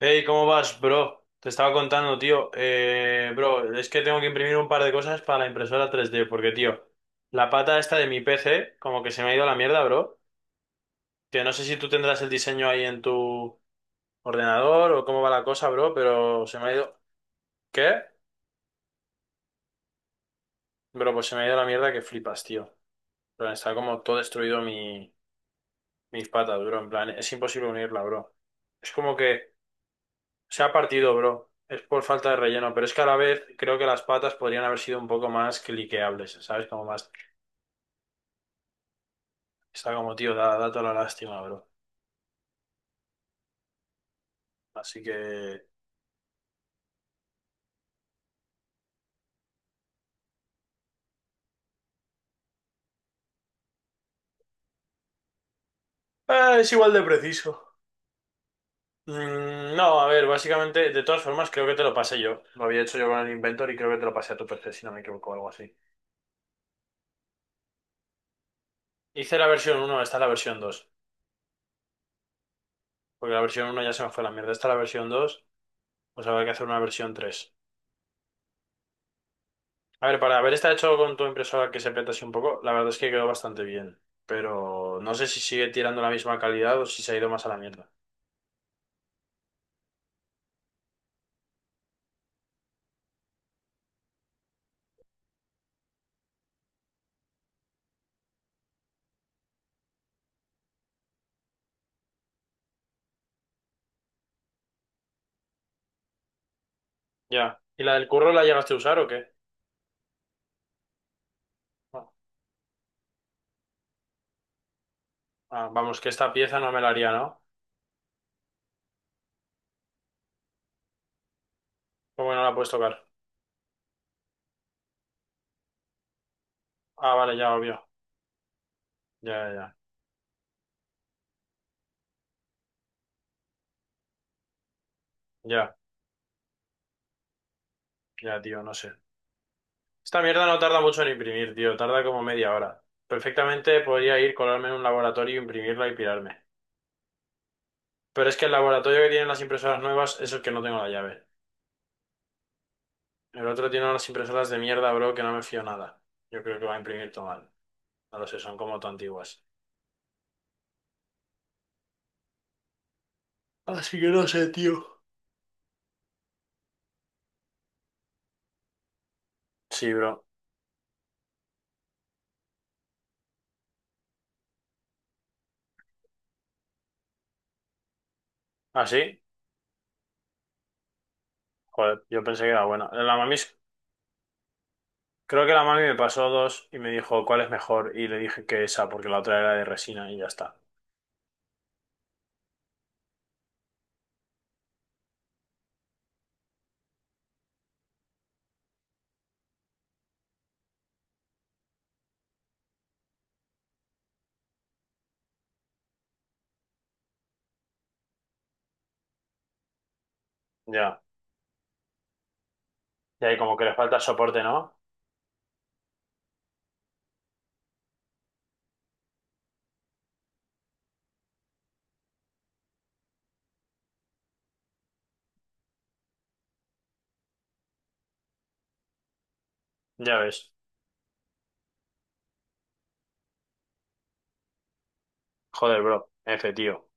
Hey, ¿cómo vas, bro? Te estaba contando, tío. Bro, es que tengo que imprimir un par de cosas para la impresora 3D, porque, tío, la pata esta de mi PC, como que se me ha ido a la mierda, bro. Que no sé si tú tendrás el diseño ahí en tu ordenador o cómo va la cosa, bro, pero se me ha ido. ¿Qué? Bro, pues se me ha ido a la mierda que flipas, tío. Pero está como todo destruido mis patas, bro. En plan, es imposible unirla, bro. Es como que se ha partido, bro. Es por falta de relleno, pero es que a la vez creo que las patas podrían haber sido un poco más cliqueables, ¿sabes? Como más. Está como, tío, da toda la lástima, bro. Así que es igual de preciso. No, a ver, básicamente, de todas formas, creo que te lo pasé yo. Lo había hecho yo con el Inventor y creo que te lo pasé a tu PC, si no me equivoco, o algo así. Hice la versión uno. Esta es la versión dos. Porque la versión uno ya se me fue a la mierda. Esta es la versión 2, pues habrá que hacer una versión tres. A ver, para haber estado hecho con tu impresora que se peta así un poco, la verdad es que quedó bastante bien. Pero no sé si sigue tirando la misma calidad o si se ha ido más a la mierda. Ya. ¿Y la del curro la llegaste a usar o qué? No. Ah, vamos, que esta pieza no me la haría, ¿no? ¿Cómo que no la puedes tocar? Ah, vale, ya, obvio. Ya, ya, ya. Ya, ya, tío, no sé. Esta mierda no tarda mucho en imprimir, tío. Tarda como media hora. Perfectamente podría ir, colarme en un laboratorio, imprimirla y pirarme. Pero es que el laboratorio que tienen las impresoras nuevas es el que no tengo la llave. El otro tiene unas impresoras de mierda, bro, que no me fío nada. Yo creo que va a imprimir todo mal. No lo sé, son como todo antiguas. Así que no sé, tío. Sí, bro. ¿Ah, sí? Joder, yo pensé que era bueno. La mami, creo que la mami me pasó dos y me dijo cuál es mejor y le dije que esa porque la otra era de resina y ya está. Ya. Y ahí como que le falta soporte, ¿no? Ya ves. Joder, bro. F, tío.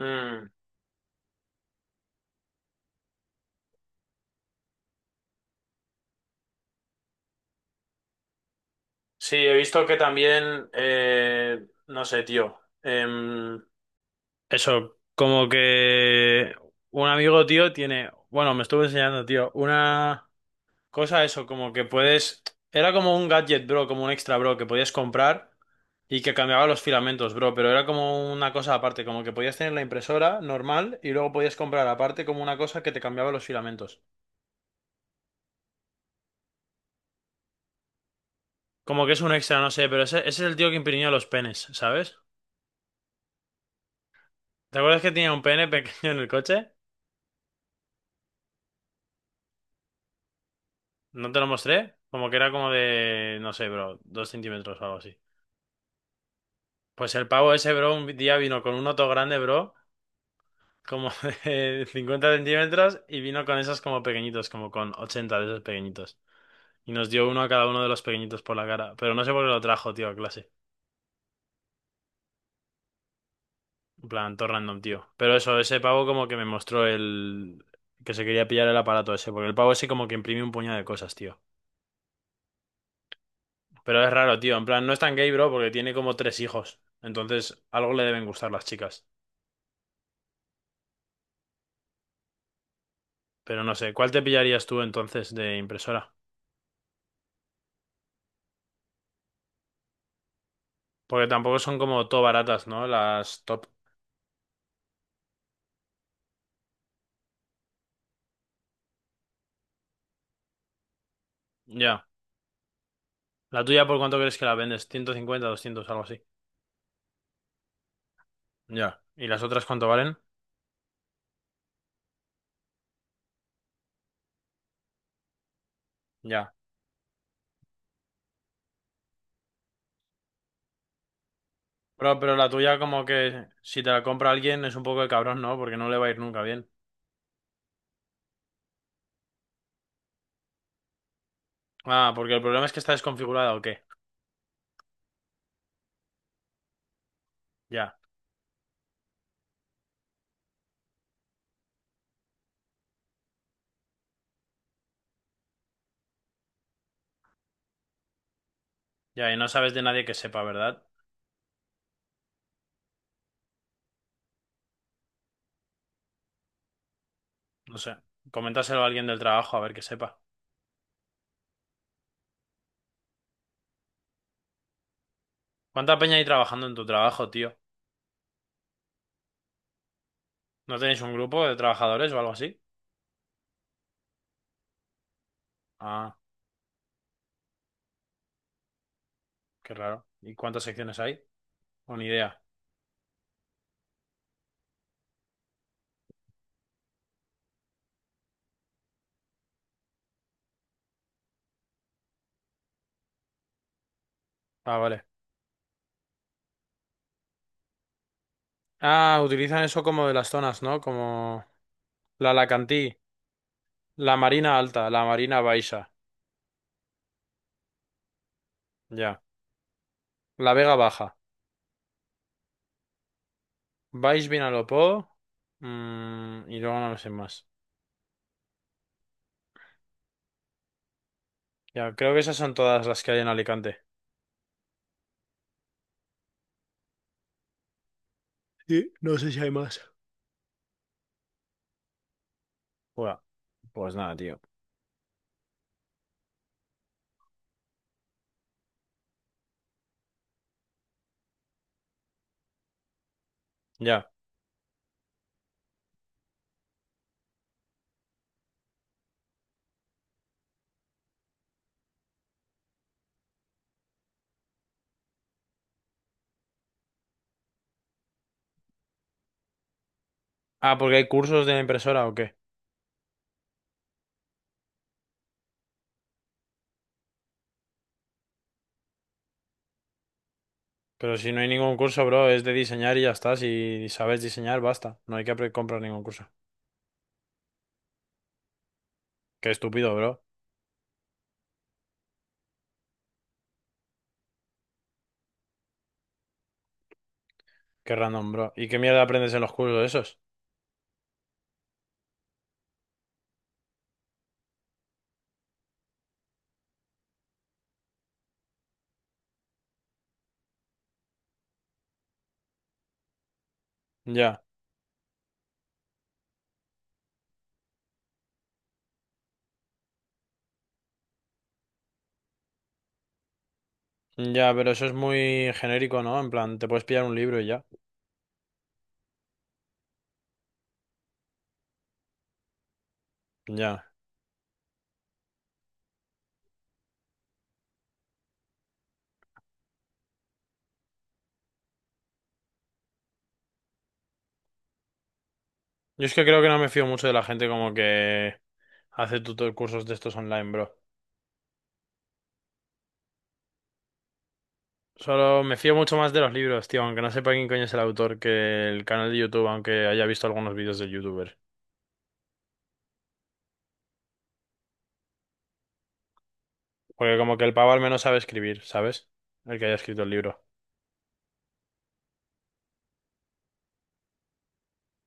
Mm. Sí, he visto que también, no sé, tío. Eso, como que un amigo, tío, tiene, bueno, me estuvo enseñando, tío, una cosa, eso, como que puedes, era como un gadget, bro, como un extra, bro, que podías comprar y que cambiaba los filamentos, bro, pero era como una cosa aparte, como que podías tener la impresora normal y luego podías comprar aparte como una cosa que te cambiaba los filamentos. Como que es un extra, no sé, pero ese es el tío que imprimía los penes, ¿sabes? ¿Te acuerdas que tenía un pene pequeño en el coche? ¿No te lo mostré? Como que era como de, no sé, bro, 2 centímetros o algo así. Pues el pavo ese, bro, un día vino con un otro grande, bro, como de 50 centímetros, y vino con esos como pequeñitos, como con 80 de esos pequeñitos. Y nos dio uno a cada uno de los pequeñitos por la cara. Pero no sé por qué lo trajo, tío, a clase. En plan, todo random, tío. Pero eso, ese pavo como que me mostró el que se quería pillar el aparato ese, porque el pavo ese como que imprime un puñado de cosas, tío. Pero es raro, tío. En plan, no es tan gay, bro, porque tiene como tres hijos. Entonces, algo le deben gustar las chicas. Pero no sé, ¿cuál te pillarías tú entonces de impresora? Porque tampoco son como todo baratas, ¿no? Las top. Ya. ¿La tuya por cuánto crees que la vendes? ¿150, 200, algo así? Ya. ¿Y las otras cuánto valen? Ya. Pero la tuya como que si te la compra alguien es un poco de cabrón, ¿no? Porque no le va a ir nunca bien. Ah, porque el problema es que está desconfigurada o qué. Ya. Ya, y no sabes de nadie que sepa, ¿verdad? No sé. Coméntaselo a alguien del trabajo a ver que sepa. ¿Cuánta peña hay trabajando en tu trabajo, tío? ¿No tenéis un grupo de trabajadores o algo así? Ah, qué raro. ¿Y cuántas secciones hay? O ni idea. Ah, vale. Ah, utilizan eso como de las zonas, ¿no? Como la Alacantí, la Marina Alta, la Marina Baixa, ya. La Vega Baja, Baix Vinalopó, y luego no me sé más. Ya, creo que esas son todas las que hay en Alicante. Sí, no sé si hay más. Buah, pues nada, tío. Ya. Ah, porque hay cursos de impresora o qué. Pero si no hay ningún curso, bro, es de diseñar y ya está. Si sabes diseñar, basta. No hay que comprar ningún curso. Qué estúpido, bro. Qué random, bro. ¿Y qué mierda aprendes en los cursos esos? Ya. Ya, pero eso es muy genérico, ¿no? En plan, te puedes pillar un libro y ya. Ya. Yo es que creo que no me fío mucho de la gente como que hace tutor cursos de estos online, bro. Solo me fío mucho más de los libros, tío, aunque no sepa quién coño es el autor que el canal de YouTube, aunque haya visto algunos vídeos de YouTuber. Porque como que el pavo al menos sabe escribir, ¿sabes? El que haya escrito el libro.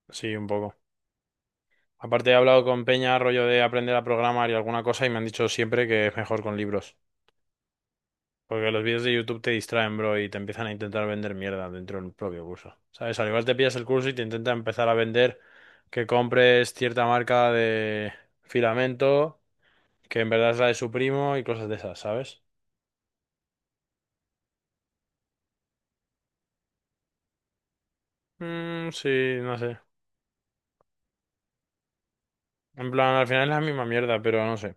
Sí, un poco. Aparte he hablado con Peña, rollo de aprender a programar y alguna cosa, y me han dicho siempre que es mejor con libros. Porque los vídeos de YouTube te distraen, bro, y te empiezan a intentar vender mierda dentro del propio curso. ¿Sabes? Al igual te pillas el curso y te intenta empezar a vender que compres cierta marca de filamento, que en verdad es la de su primo y cosas de esas, ¿sabes? Mm, sí, no sé. En plan, al final es la misma mierda, pero no sé.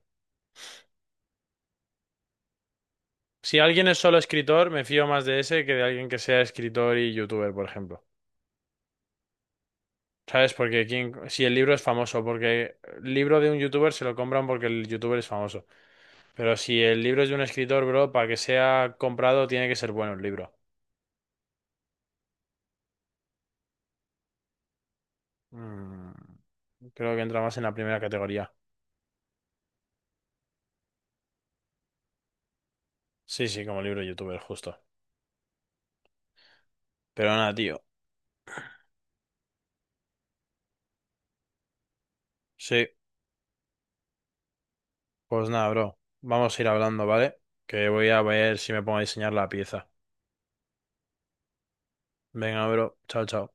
Si alguien es solo escritor, me fío más de ese que de alguien que sea escritor y youtuber, por ejemplo. ¿Sabes? Porque si el libro es famoso, porque el libro de un youtuber se lo compran porque el youtuber es famoso. Pero si el libro es de un escritor, bro, para que sea comprado tiene que ser bueno el libro. Mm, Creo que entra más en la primera categoría. Sí, sí, como libro youtuber, justo. Pero nada, tío. Sí, pues nada, bro. Vamos a ir hablando, ¿vale? Que voy a ver si me pongo a diseñar la pieza. Venga, bro. Chao, chao.